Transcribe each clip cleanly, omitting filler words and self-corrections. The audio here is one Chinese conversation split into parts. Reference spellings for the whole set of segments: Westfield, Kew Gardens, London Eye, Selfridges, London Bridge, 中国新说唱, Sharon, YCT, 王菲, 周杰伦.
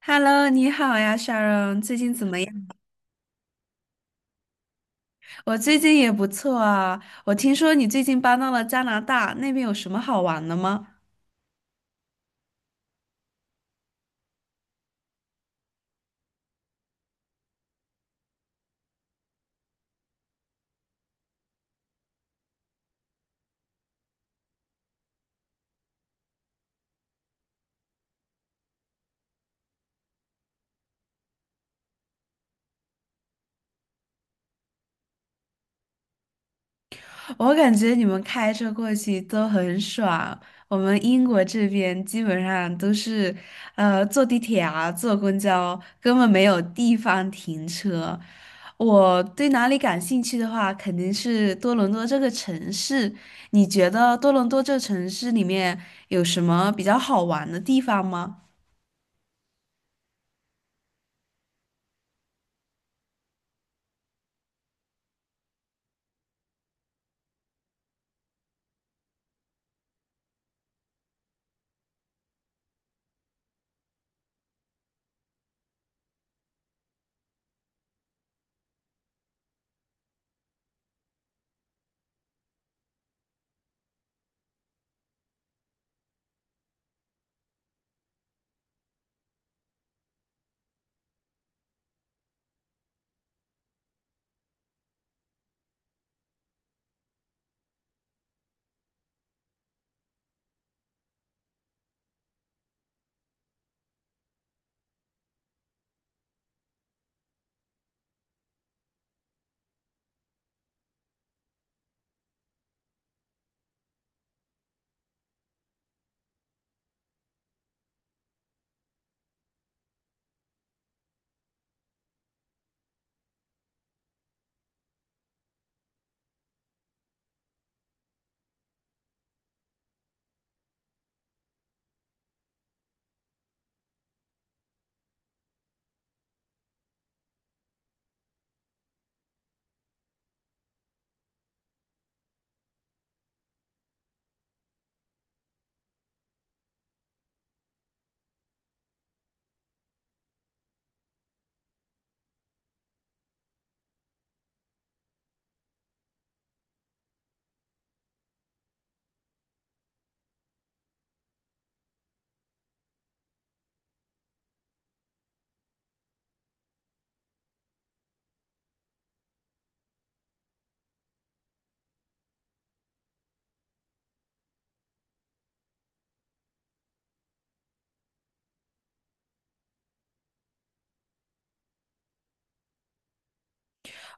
Hello，你好呀，Sharon，最近怎么样？我最近也不错啊。我听说你最近搬到了加拿大，那边有什么好玩的吗？我感觉你们开车过去都很爽，我们英国这边基本上都是，坐地铁啊，坐公交，根本没有地方停车。我对哪里感兴趣的话，肯定是多伦多这个城市。你觉得多伦多这个城市里面有什么比较好玩的地方吗？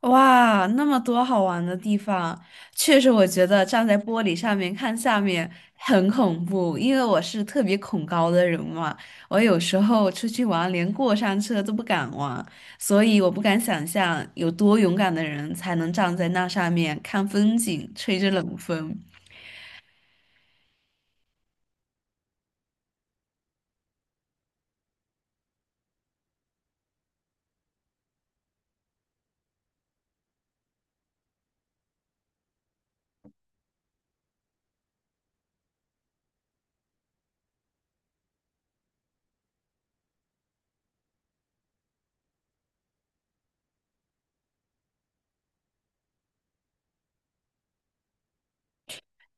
哇，那么多好玩的地方，确实我觉得站在玻璃上面看下面很恐怖，因为我是特别恐高的人嘛，我有时候出去玩连过山车都不敢玩，所以我不敢想象有多勇敢的人才能站在那上面看风景，吹着冷风。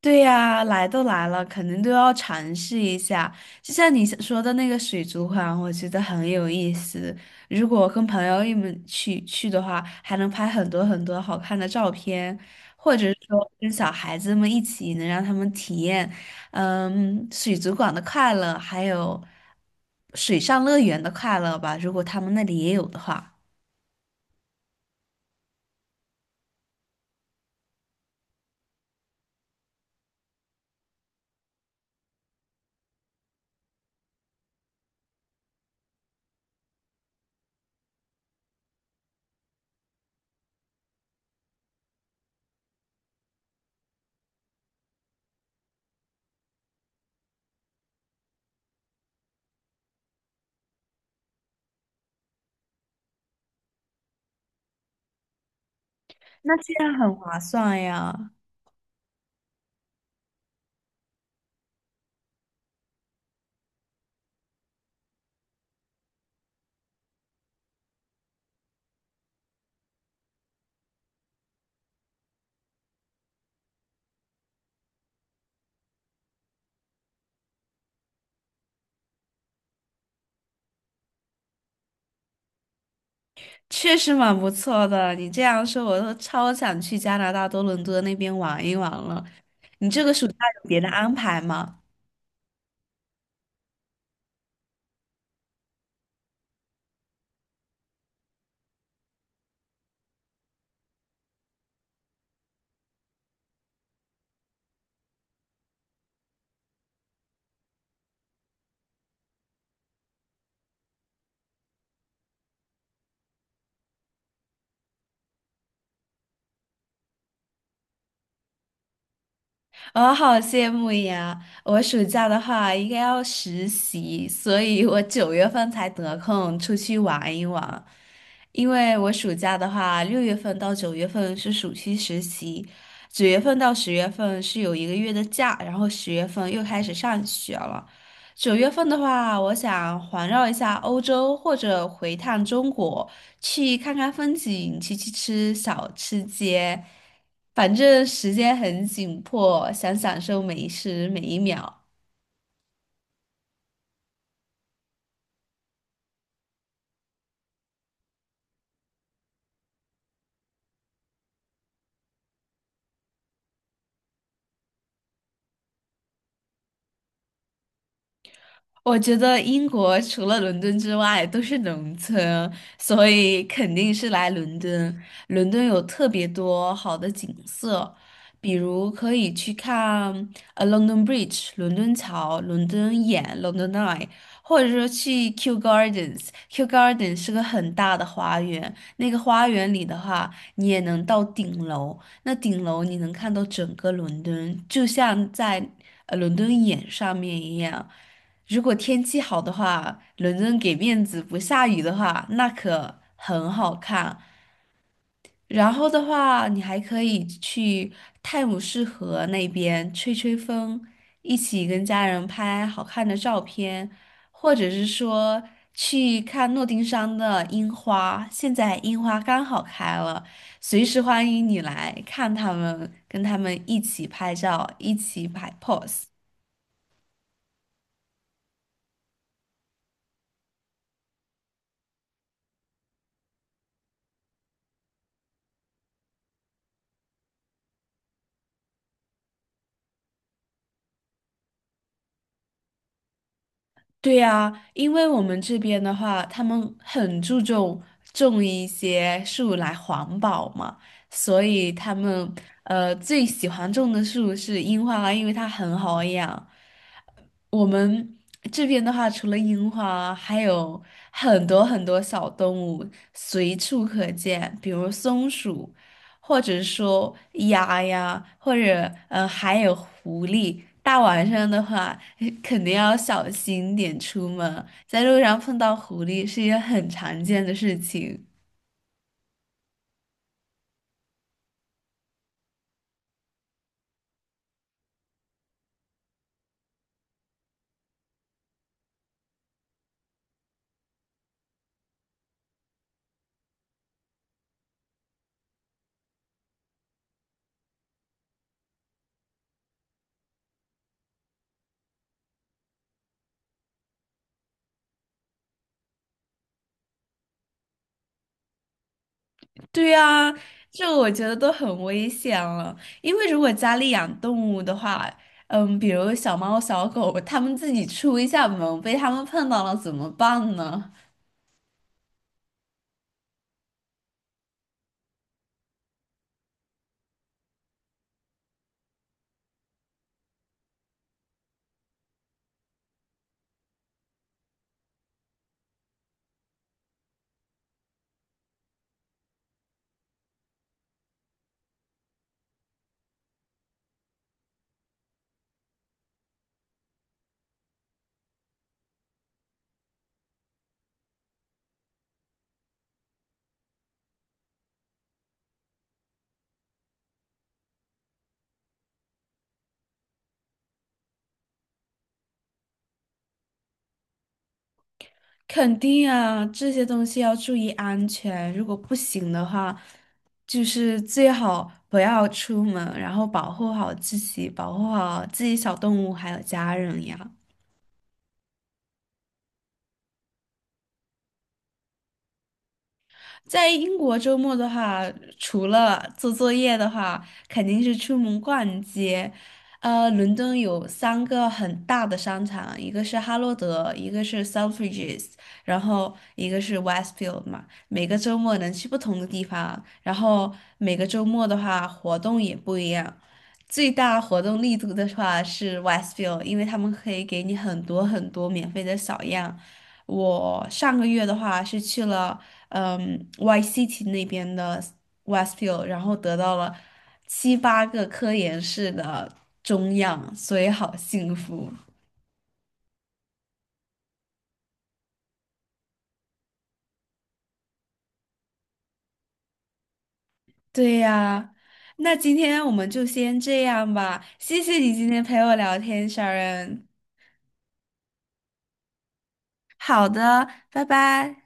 对呀，来都来了，肯定都要尝试一下。就像你说的那个水族馆，我觉得很有意思。如果跟朋友一们去的话，还能拍很多很多好看的照片，或者是说跟小孩子们一起，能让他们体验，嗯，水族馆的快乐，还有水上乐园的快乐吧。如果他们那里也有的话，那这样很划算呀。确实蛮不错的。你这样说，我都超想去加拿大多伦多那边玩一玩了。你这个暑假有别的安排吗？我好羡慕呀！我暑假的话应该要实习，所以我九月份才得空出去玩一玩。因为我暑假的话，6月份到九月份是暑期实习，九月份到十月份是有1个月的假，然后十月份又开始上学了。九月份的话，我想环绕一下欧洲或者回趟中国，去看看风景，去吃小吃街，反正时间很紧迫，想享受每一时每一秒。我觉得英国除了伦敦之外都是农村，所以肯定是来伦敦。伦敦有特别多好的景色，比如可以去看London Bridge、伦敦桥、伦敦眼、London Eye，或者说去 Kew Gardens。Kew Gardens 是个很大的花园，那个花园里的话，你也能到顶楼，那顶楼你能看到整个伦敦，就像在伦敦眼上面一样。如果天气好的话，伦敦给面子不下雨的话，那可很好看。然后的话，你还可以去泰晤士河那边吹吹风，一起跟家人拍好看的照片，或者是说去看诺丁山的樱花。现在樱花刚好开了，随时欢迎你来看他们，跟他们一起拍照，一起摆 pose。对呀，因为我们这边的话，他们很注重种一些树来环保嘛，所以他们最喜欢种的树是樱花，因为它很好养。我们这边的话，除了樱花，还有很多很多小动物随处可见，比如松鼠，或者说鸭呀，还有狐狸。大晚上的话，肯定要小心点出门，在路上碰到狐狸是一件很常见的事情。对呀，这个我觉得都很危险了。因为如果家里养动物的话，嗯，比如小猫、小狗，它们自己出一下门，被它们碰到了怎么办呢？肯定啊，这些东西要注意安全。如果不行的话，就是最好不要出门，然后保护好自己，保护好自己小动物还有家人呀。在英国周末的话，除了做作业的话，肯定是出门逛街。伦敦有3个很大的商场，一个是哈罗德，一个是 Selfridges，然后一个是 Westfield 嘛。每个周末能去不同的地方，然后每个周末的话活动也不一样。最大活动力度的话是 Westfield，因为他们可以给你很多很多免费的小样。我上个月的话是去了。嗯 YCT 那边的 Westfield，然后得到了7、8个科研室的中样，所以好幸福。对呀，那今天我们就先这样吧，谢谢你今天陪我聊天，Sharon。好的，拜拜。